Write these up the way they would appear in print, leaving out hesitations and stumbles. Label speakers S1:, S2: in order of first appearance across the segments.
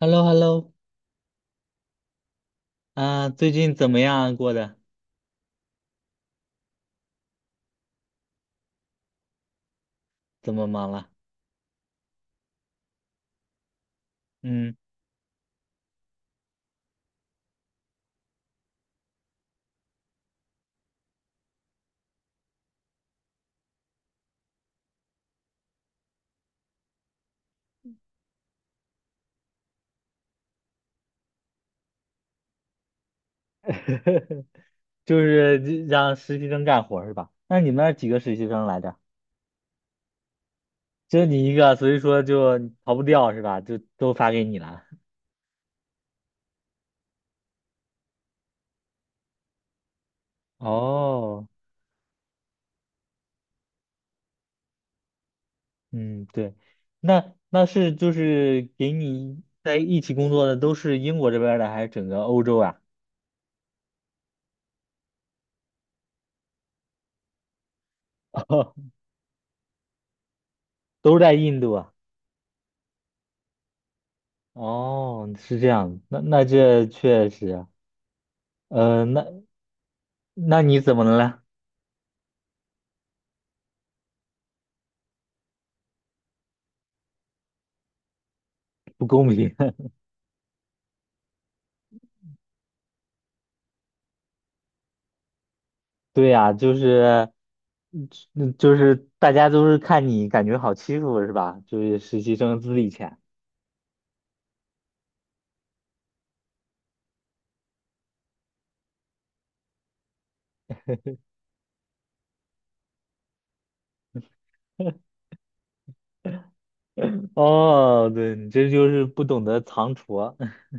S1: h e l l o h e l l o 啊，最近怎么样啊过的？怎么忙了？嗯，就是让实习生干活儿是吧？那你们那儿几个实习生来着？就你一个，所以说就逃不掉是吧？就都发给你了。哦，嗯，对，那那是就是给你在一起工作的都是英国这边儿的，还是整个欧洲啊？都是在印度啊？哦，是这样，那那这确实啊，呃，那那你怎么了？不公平。对呀，就是，嗯嗯就是大家都是看你感觉好欺负是吧？就是实习生资历浅。哦，对，你这就是不懂得藏拙。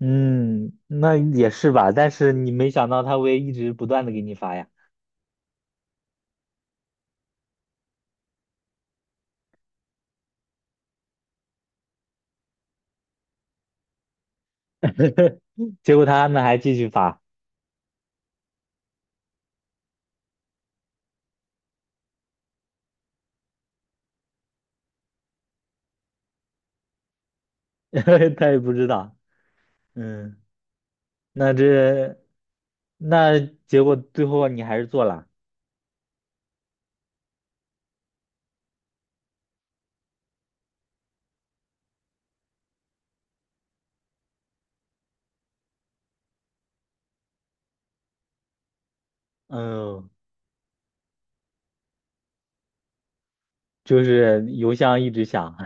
S1: 嗯，那也是吧，但是你没想到他会一直不断的给你发呀，结果他们还继续发，他也不知道。嗯，那这，那结果最后你还是做了，嗯，就是邮箱一直响，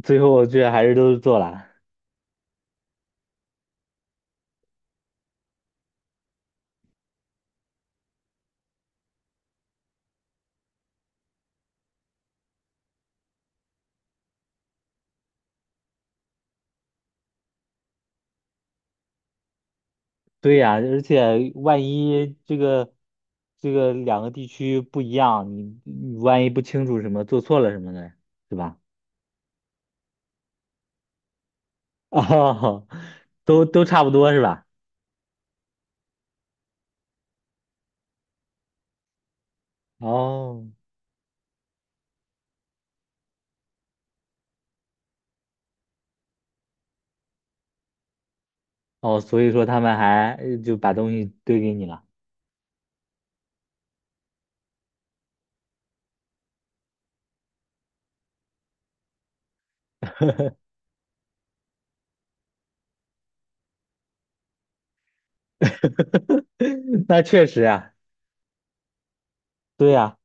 S1: 最后这还是都是做了。对呀，而且万一这个这个两个地区不一样，你万一不清楚什么，做错了什么的，是吧？哦，都都差不多是吧？哦哦，所以说他们还就把东西堆给你了，那确实啊，对呀，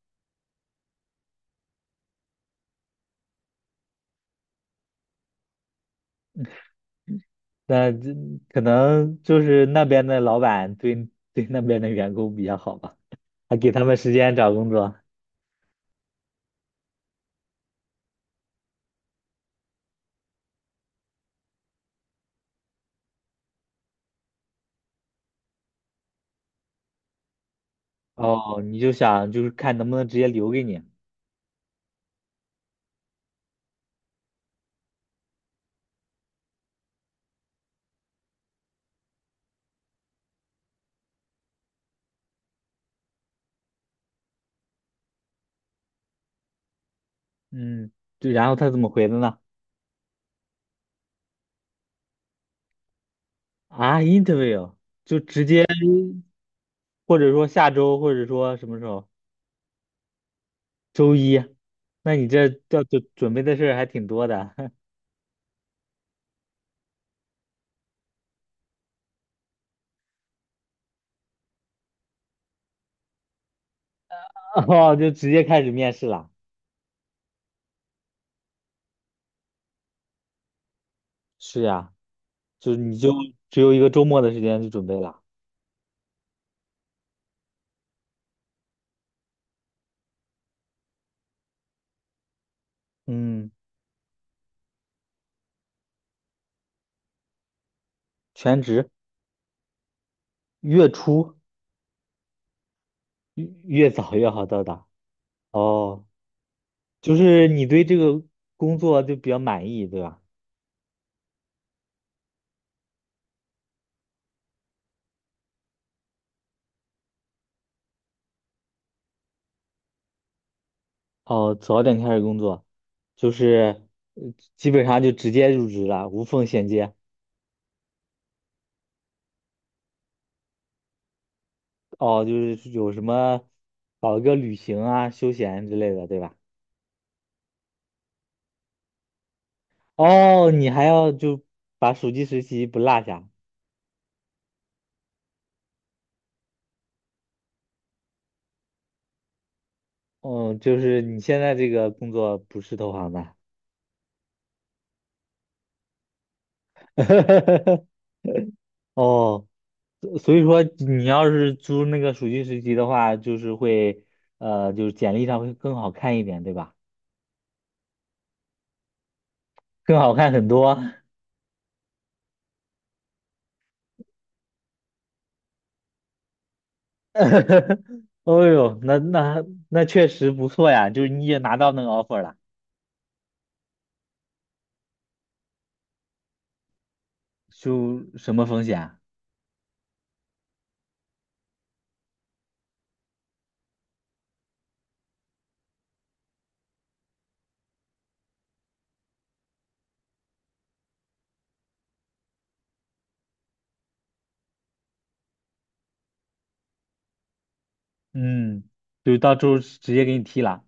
S1: 那这可能就是那边的老板对对那边的员工比较好吧，还给他们时间找工作。哦，你就想就是看能不能直接留给你。嗯，对，然后他怎么回的呢？啊，interview，或者说下周，或者说什么时候？周一。那你这要准准备的事儿还挺多的，哦，就直接开始面试了。是呀，就你就只有一个周末的时间去准备了。嗯，全职，月初越越早越好到达。哦，就是你对这个工作就比较满意，对吧？哦，早点开始工作，就是呃基本上就直接入职了，无缝衔接。哦，就是有什么搞一个旅行啊、休闲之类的，对吧？哦，你还要就把暑期实习不落下。哦，就是你现在这个工作不是投行的。哦，所以说你要是租那个暑期实习的话，就是会就是简历上会更好看一点，对吧？更好看很多。哦呦，那那那确实不错呀，就是你也拿到那个 offer 了，就什么风险啊嗯，就到时候直接给你踢了。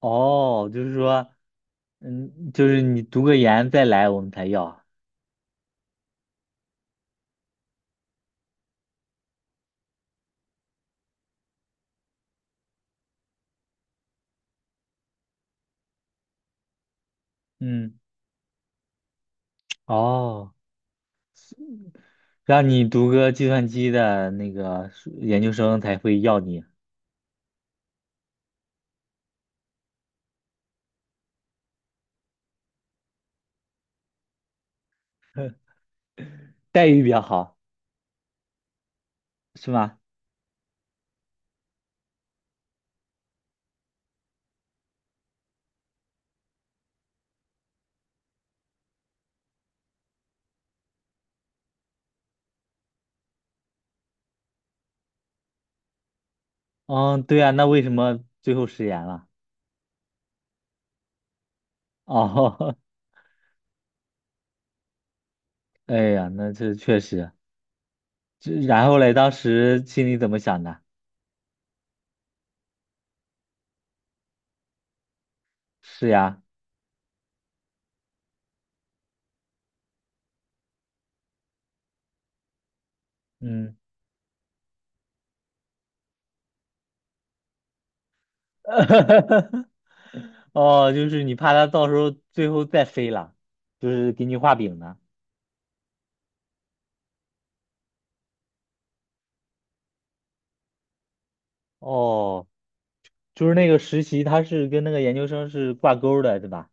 S1: 哦，就是说，嗯，就是你读个研再来我们才要啊。嗯，哦，让你读个计算机的那个研究生才会要你，待遇比较好，是吗？嗯，对啊，那为什么最后食言了？哦，哎呀，那这确实。这然后嘞，当时心里怎么想的？是呀，嗯，哦，就是你怕他到时候最后再飞了，就是给你画饼呢。哦，就是那个实习，他是跟那个研究生是挂钩儿的，对吧？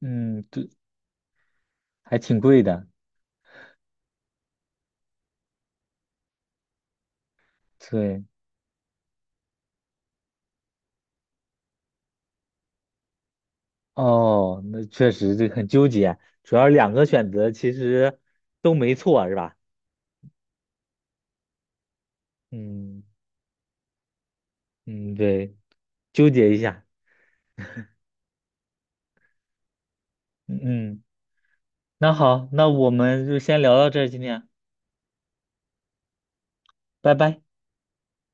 S1: 嗯，对，还挺贵的。对，哦，那确实这很纠结，主要两个选择其实都没错，是吧？嗯嗯，对，纠结一下。嗯，嗯那好，那我们就先聊到这儿，今天。拜拜。